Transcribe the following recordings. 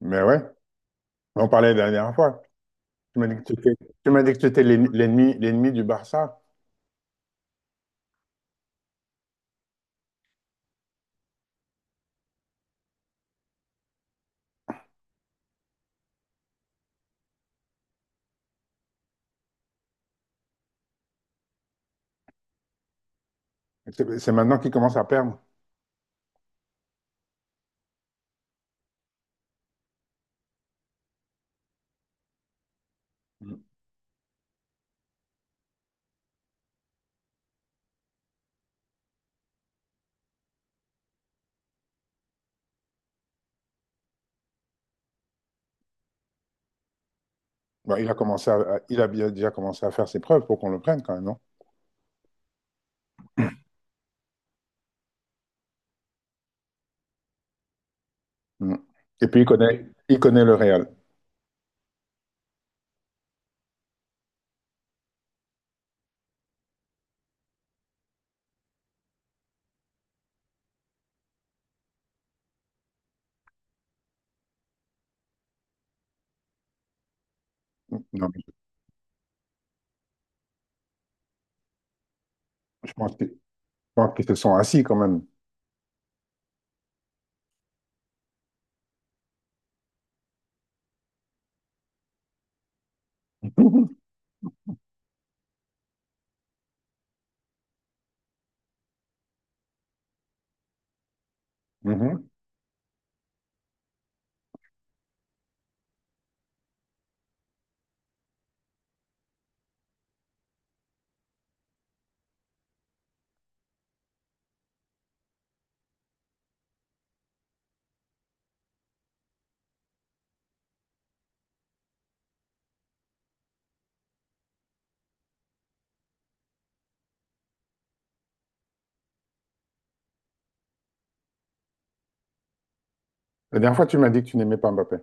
Mais ouais, on parlait la dernière fois. Tu m'as dit que tu étais, Tu m'as dit que tu étais l'ennemi, l'ennemi du Barça. C'est maintenant qu'il commence à perdre. Mm. Bon, il a commencé déjà commencé à faire ses preuves pour qu'on le prenne quand même, non? Mm. Et puis il connaît le Real. Mm. Non, mais je pense qu'ils se sont assis quand même. Mhm. La dernière fois, tu m'as dit que tu n'aimais pas Mbappé.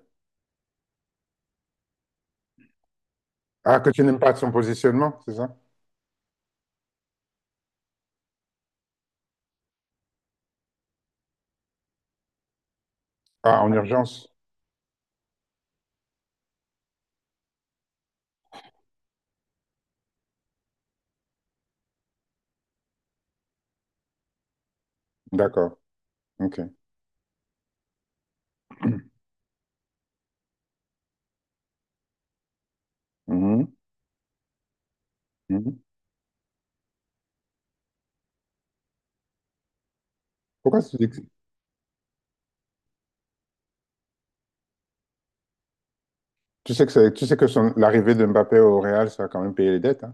Ah, que tu n'aimes pas son positionnement, c'est ça? Ah, en urgence. D'accord. OK. Mhm. Mhm. Pourquoi tu dis que... Tu sais que, l'arrivée de Mbappé au Real, ça va quand même payer les dettes, hein?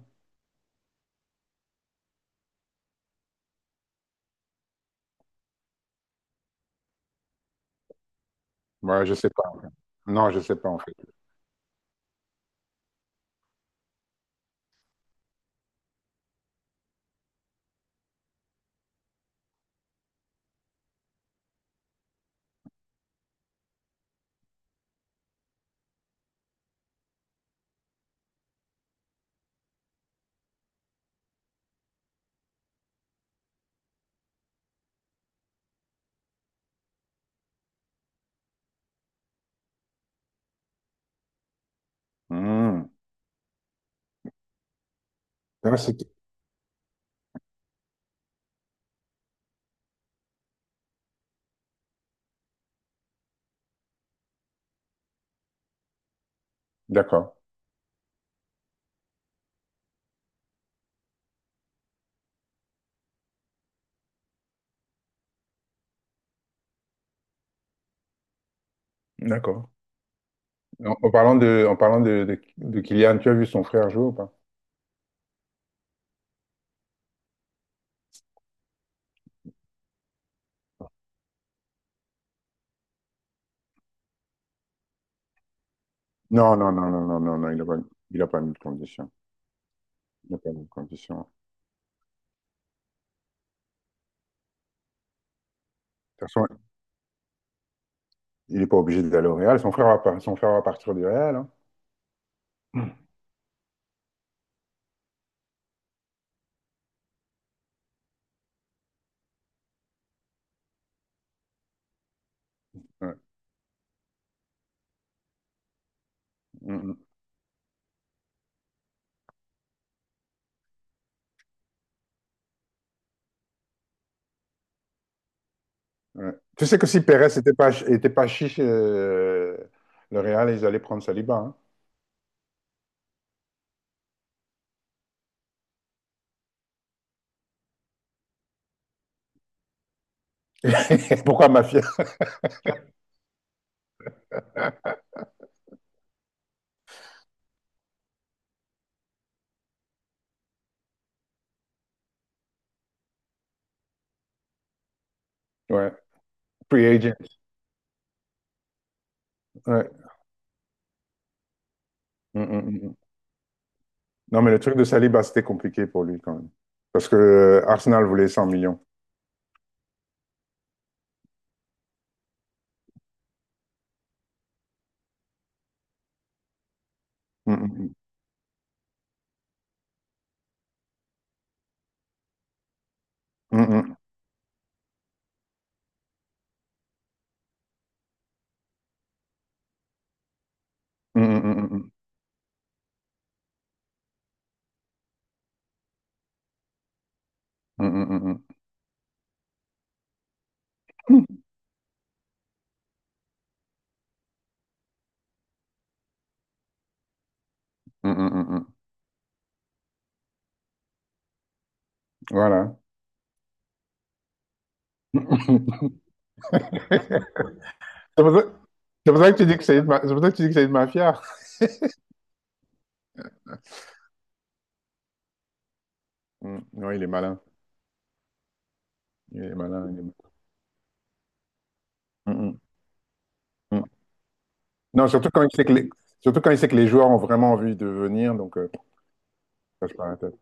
Ouais, je sais pas, en fait. Non, je sais pas, en fait. Hmm. Ah, c'est... D'accord. D'accord. En, en parlant de Kylian, tu as vu son frère jouer ou pas? Non, non, non, non, non, non, non, il a pas mis de condition. Il n'a pas mis de condition. De toute façon, il n'est pas obligé d'aller au Real. Son frère va partir du Real, hein. Ouais. Mm, mm, ouais. Tu sais que si Pérez n'était pas, était pas chiche, le Real, ils allaient prendre Saliba, hein. Pourquoi Mafia? Ouais. Free agent. Ouais. Mm, mm, mm. Mm. Non, mais le truc de Saliba, c'était compliqué pour lui quand même. Parce que Arsenal voulait 100 millions. Mm, mm, mm. Mm, mm, mm, mm, mm, mm, mm, mm, mm, mm, mm. Mm, mm, mm, mm. Voilà. C'est pour ça c'est pour ça que tu dis que c'est une, c'est pour ça que tu dis que c'est une mafia. Mm. Non, il est malin. Il est malin, il est malin. Mm, mm, mm. Non, surtout quand il sait que les, surtout quand il sait que les joueurs ont vraiment envie de venir, donc ça se passe pas la tête.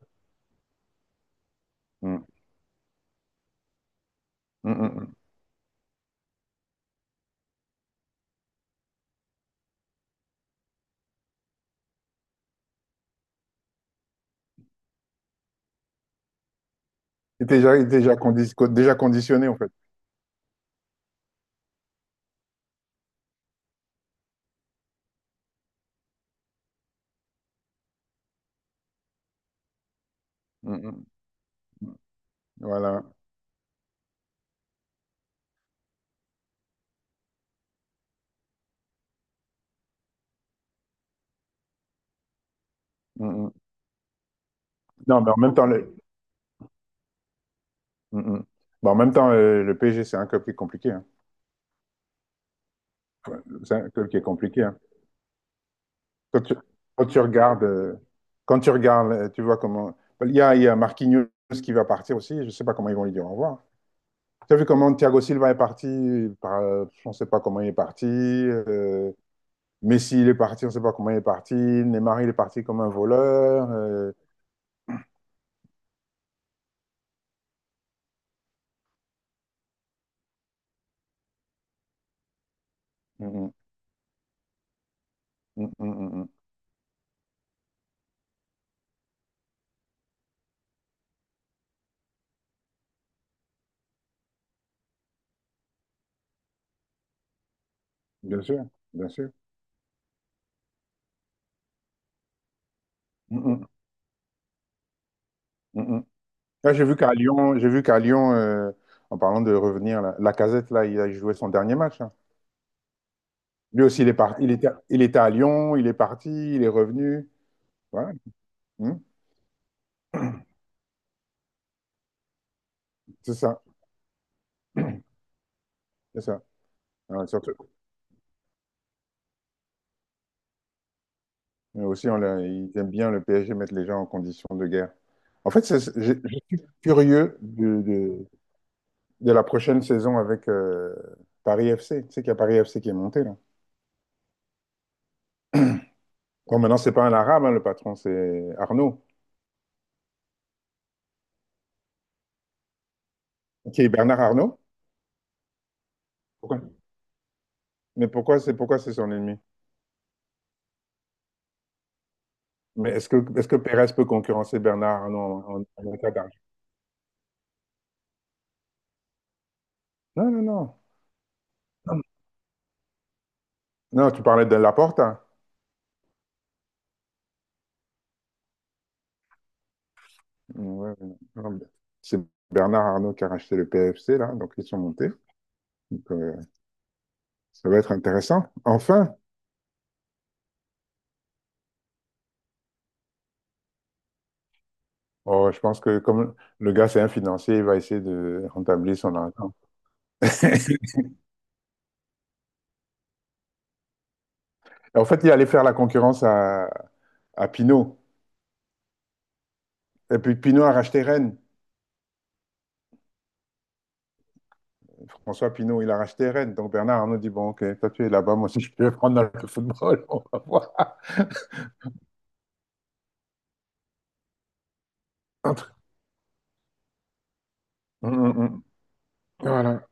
Mm, mm, mm, mm. Il est déjà, déjà conditionné, en fait. Mm, mm. Voilà. Mm, mm. Non, mais en même temps, le... Mm, mm. Bon, en même temps, le PSG, c'est un club qui est compliqué, hein. C'est un club qui est compliqué, hein. Quand tu, quand tu regardes, quand tu regardes, tu vois comment. Il y a Marquinhos qui va partir aussi. Je ne sais pas comment ils vont lui dire au revoir. Tu as vu comment Thiago Silva est parti on ne sait pas comment il est parti. Messi, il est parti. On ne sait pas comment il est parti. Neymar, il est parti comme un voleur. Mm, mm, mm, mm, mm, mm. Bien sûr, bien sûr. Mm, mm, mm, mm. Là, j'ai vu qu'à Lyon, en parlant de revenir, la Lacazette, là, il a joué son dernier match, hein. Lui aussi, il est parti, il était à Lyon, il est parti, il est revenu. Voilà. Hmm. C'est ça, c'est ça. Ouais, surtout. Mais aussi, ils aiment bien, le PSG, mettre les gens en condition de guerre. En fait, je suis curieux de, de la prochaine saison avec Paris FC. Tu sais qu'il y a Paris FC qui est monté, là. Bon, maintenant, c'est pas un Arabe, hein, le patron, c'est Arnaud. Qui est Bernard Arnaud? Pourquoi? Mais pourquoi c'est... Pourquoi c'est son ennemi? Mais est-ce que Pérez peut concurrencer Bernard Arnault en, en état d'argent? Non, non, non. Non, non, tu parlais de Laporte, hein. Ouais, ouais, non, c'est Bernard Arnault qui a racheté le PFC, là, donc ils sont montés. Donc, ça va être intéressant. Enfin, oh, je pense que comme le gars, c'est un financier, il va essayer de rentabiliser son argent. En fait, il allait faire la concurrence à Pinot. Et puis Pinot a racheté Rennes. François Pinault, il a racheté Rennes. Donc Bernard Arnault dit, bon, OK, toi tu es là-bas, moi aussi je peux prendre dans le football, on va voir. Voilà.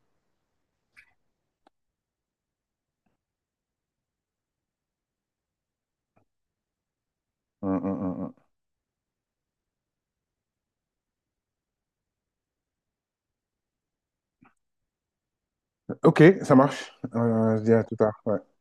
Hum, hum, hum, hum. Hum. OK, ça marche. Je dis à tout à l'heure. Ouais.